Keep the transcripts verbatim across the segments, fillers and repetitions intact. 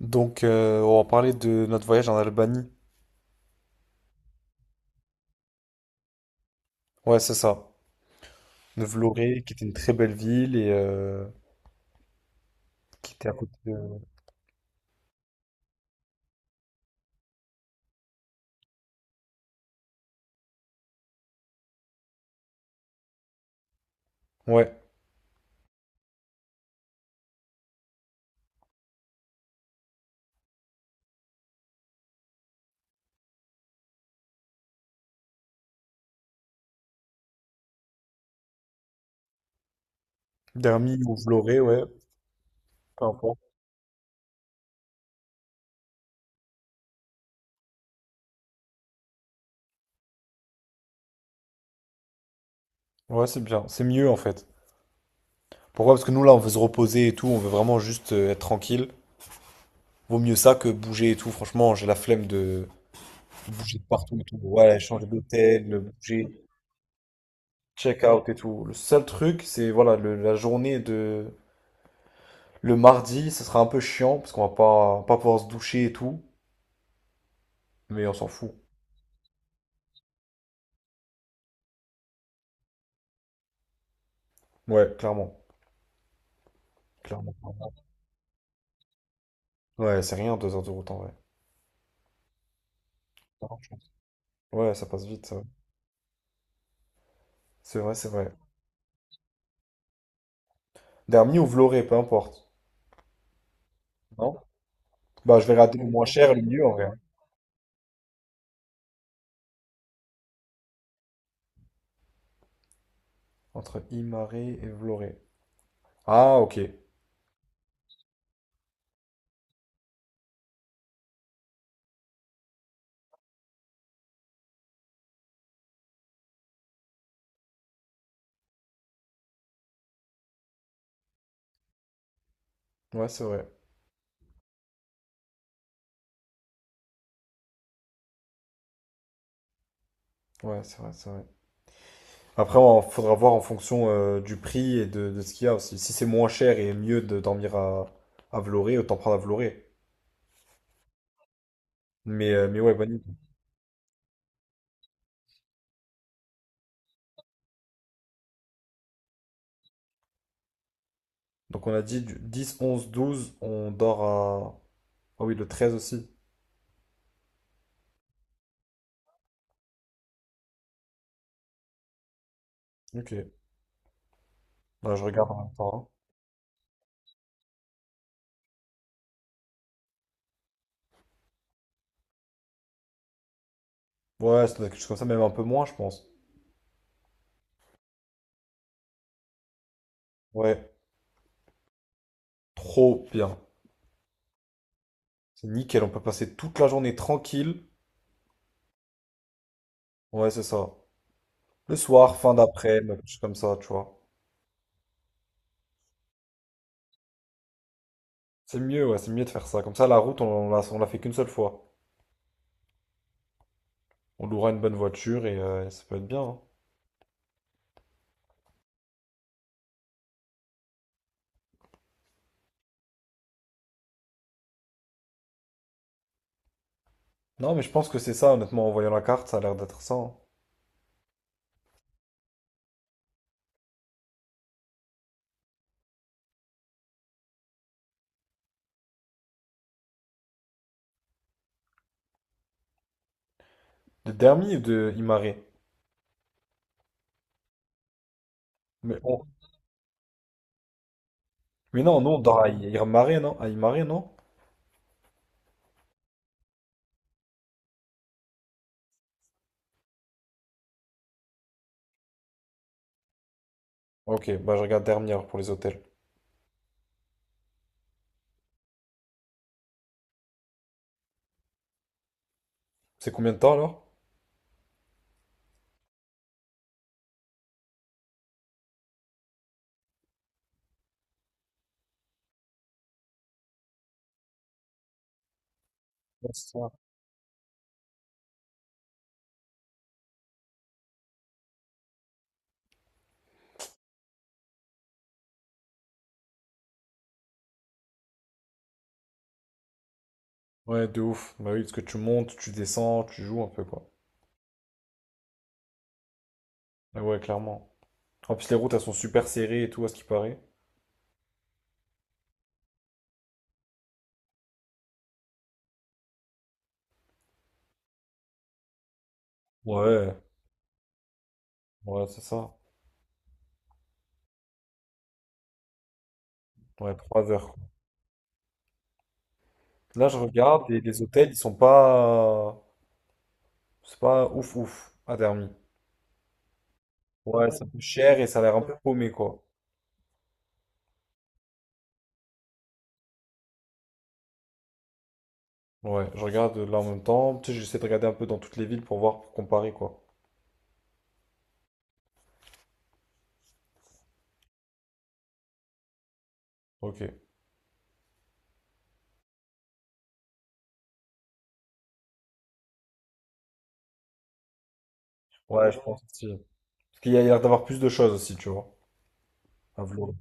Donc, euh, on va parler de notre voyage en Albanie. Ouais, c'est ça. De Vlorë, qui était une très belle ville et euh, qui était à côté de... Ouais, Dermi ou Vlorë, ouais, peu importe. Ouais, c'est bien. C'est mieux, en fait. Pourquoi? Parce que nous, là, on veut se reposer et tout. On veut vraiment juste euh, être tranquille. Vaut mieux ça que bouger et tout. Franchement, j'ai la flemme de de bouger de partout et tout. Ouais, changer d'hôtel, bouger, check-out et tout. Le seul truc, c'est, voilà, le- la journée de... Le mardi, ça sera un peu chiant parce qu'on va pas, pas pouvoir se doucher et tout. Mais on s'en fout. Ouais, clairement. Clairement. Ouais, c'est rien, deux heures de route en vrai. Ouais, ça passe vite, ça. C'est vrai, c'est vrai. Dermi ou Vloré, peu importe. Non? Bah, je vais rater le moins cher, le mieux en vrai. Entre Imare et Vloré. Ah, ok. Ouais, c'est vrai. Ouais, c'est vrai, c'est vrai. Après, on faudra voir en fonction euh, du prix et de, de ce qu'il y a aussi. Si c'est moins cher et mieux de dormir à, à Vloré, autant prendre à Vloré. Mais, euh, mais ouais, bonne idée. Donc, on a dit du dix, onze, douze, on dort à. Ah oui, le treize aussi. Ok. Bah, je regarde en même temps. Ouais, ça doit être quelque chose comme ça, même un peu moins, je pense. Ouais, trop bien. C'est nickel, on peut passer toute la journée tranquille. Ouais, c'est ça. Le soir, fin d'après-midi, quelque chose comme ça, tu vois. C'est mieux, ouais, c'est mieux de faire ça. Comme ça, la route, on, on la, on la fait qu'une seule fois. On louera une bonne voiture et euh, ça peut être bien, hein. Non, mais je pense que c'est ça, honnêtement, en voyant la carte, ça a l'air d'être ça, hein. De Dermi ou de Imare? Mais, on- mais non, non, on dort à Imare, non? À Imare, non? Ok, bah je regarde Dermi alors pour les hôtels. C'est combien de temps alors? Ouais, de ouf. Bah oui, parce que tu montes, tu descends, tu joues un peu, quoi. Mais ouais, clairement. En plus, les routes, elles sont super serrées et tout, à ce qui paraît. Ouais, ouais, c'est ça. Ouais, trois heures, quoi. Là, je regarde, et les hôtels, ils sont pas... C'est pas ouf, ouf, à Dermy. Ouais, c'est un peu cher et ça a l'air un peu paumé, quoi. Ouais, je regarde là en même temps. Tu sais, j'essaie de regarder un peu dans toutes les villes pour voir, pour comparer, quoi. Ok. Ouais, je pense aussi. Parce qu'il y a l'air d'avoir plus de choses aussi, tu vois, à Vlorë.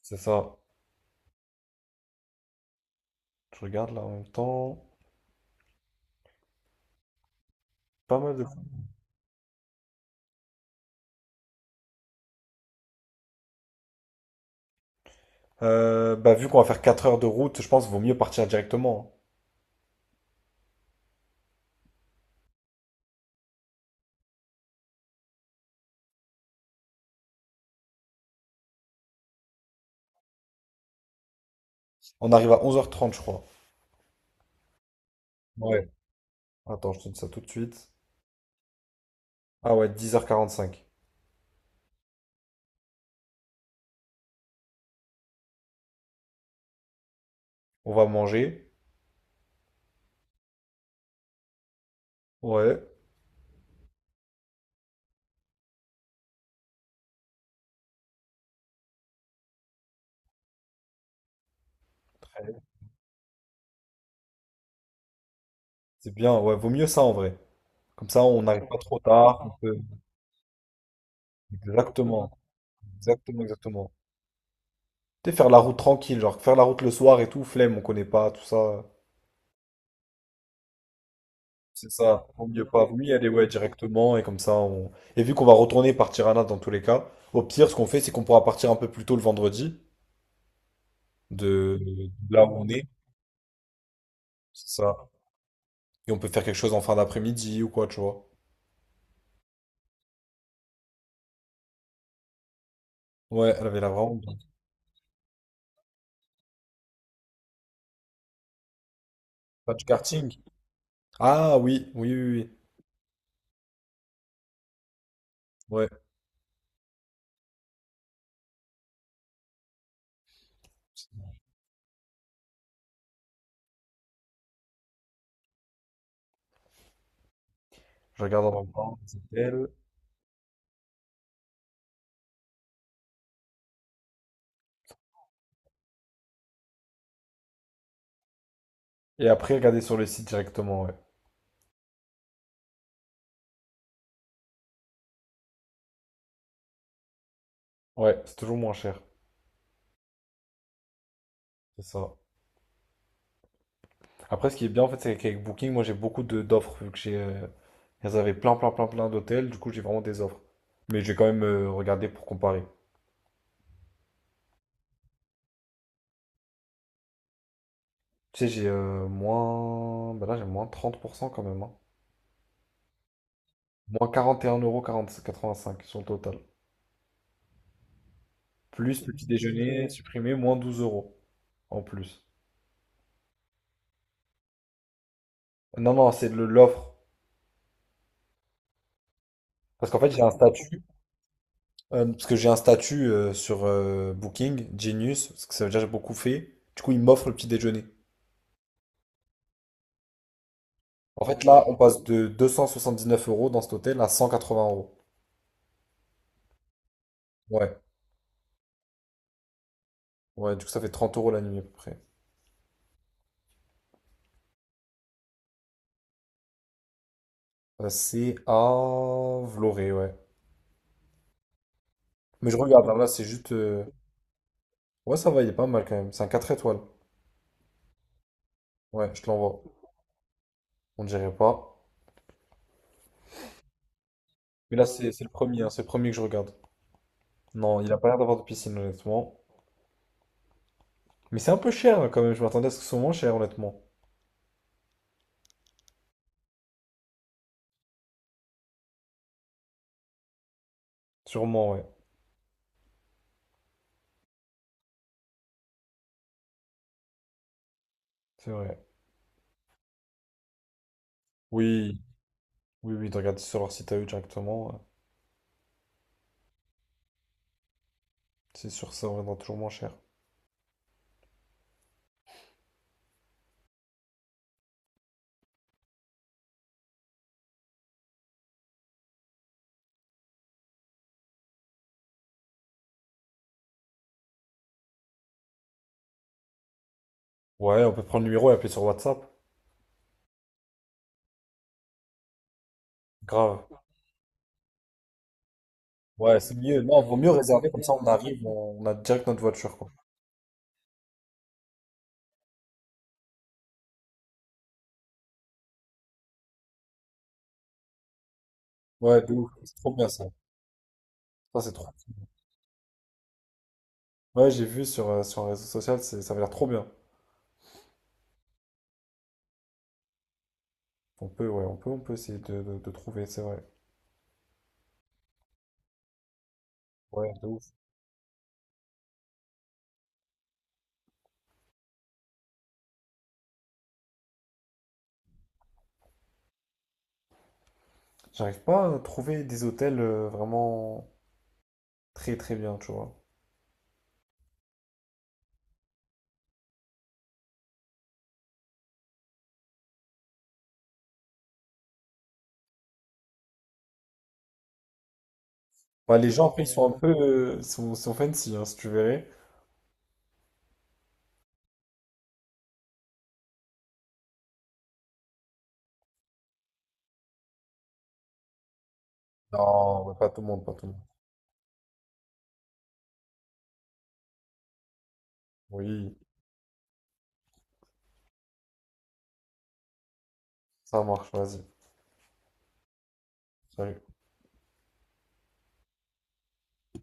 C'est ça. Je regarde là en même temps. Pas mal de... Euh, bah, vu qu'on va faire quatre heures de route, je pense qu'il vaut mieux partir directement, hein. On arrive à onze heures trente, je crois. Ouais. Attends, je te dis ça tout de suite. Ah ouais, dix heures quarante-cinq. On va manger. Ouais, Très- c'est bien. Ouais, vaut mieux ça en vrai. Comme ça, on n'arrive pas trop tard. on peut- Exactement. Exactement, exactement. Tu sais, faire la route tranquille, genre faire la route le soir et tout, flemme, on connaît pas, tout ça. C'est ça, vaut mieux pas. Vaut mieux y aller ouais, directement et comme ça, on... Et vu qu'on va retourner par Tirana dans tous les cas, au pire, ce qu'on fait, c'est qu'on pourra partir un peu plus tôt le vendredi, de de là où on est, c'est ça. Et on peut faire quelque chose en fin d'après-midi ou quoi, tu vois. Ouais, elle avait la vraiment bien. Pas du karting. Ah oui, oui, oui, oui. Ouais. Je regarde en même temps, c'est elle. Et après, regarder sur le site directement, ouais. Ouais, c'est toujours moins cher. C'est ça. Après, ce qui est bien, en fait, c'est qu'avec Booking, moi, j'ai beaucoup de d'offres, vu que j'ai... euh, Elles avaient plein, plein, plein, plein d'hôtels, du coup, j'ai vraiment des offres. Mais j'ai quand même euh, regardé pour comparer. Tu sais, j'ai euh, moins... Bah là, j'ai moins trente pour cent quand même, hein. Moins quarante et un virgule quatre-vingt-cinq€ sur le total. Plus petit déjeuner supprimé, moins douze euros en plus. Non, non, c'est le- l'offre. Parce qu'en fait, j'ai un statut. euh, parce que j'ai un statut euh, sur euh, Booking, Genius, parce que ça veut dire que j'ai beaucoup fait. Du coup, ils m'offrent le petit déjeuner. En fait, là, on passe de deux cent soixante-dix-neuf euros dans cet hôtel à cent quatre-vingts euros. Ouais, ouais, du coup, ça fait trente euros la nuit à peu près. Euh, c'est à Vloré, ouais. Mais je regarde, hein, là, c'est juste. euh, Ouais, ça va, il est pas mal quand même. C'est un quatre étoiles. Ouais, je te l'envoie. On dirait pas. Mais là, c'est c'est le premier, hein, c'est le premier que je regarde. Non, il a pas l'air d'avoir de piscine, honnêtement. Mais c'est un peu cher hein, quand même. Je m'attendais à ce que ce soit moins cher, honnêtement. Sûrement, ouais. C'est vrai. Oui, oui, oui, de regarder sur leur site à eux directement, ouais. C'est sûr, ça reviendra toujours moins cher. Ouais, on peut prendre le numéro et appeler sur WhatsApp. Grave. Ouais, c'est mieux. Non, vaut mieux réserver comme ça, on arrive, on on a direct notre voiture, quoi. Ouais, de ouf. C'est trop bien ça. Ça, c'est trop cool. Ouais, j'ai vu sur, euh, sur un réseau social, c'est- ça avait l'air trop bien. On peut, ouais, on peut, on peut essayer de, de- de trouver, c'est vrai. Ouais, de ouf. J'arrive pas à trouver des hôtels euh, vraiment très très bien, tu vois. Bah, les gens, après, ils sont un Euh, peu euh, sont, sont fancy, hein, si tu verrais. Non, bah, pas tout le monde, pas tout le monde. Oui, ça marche, vas-y. Salut.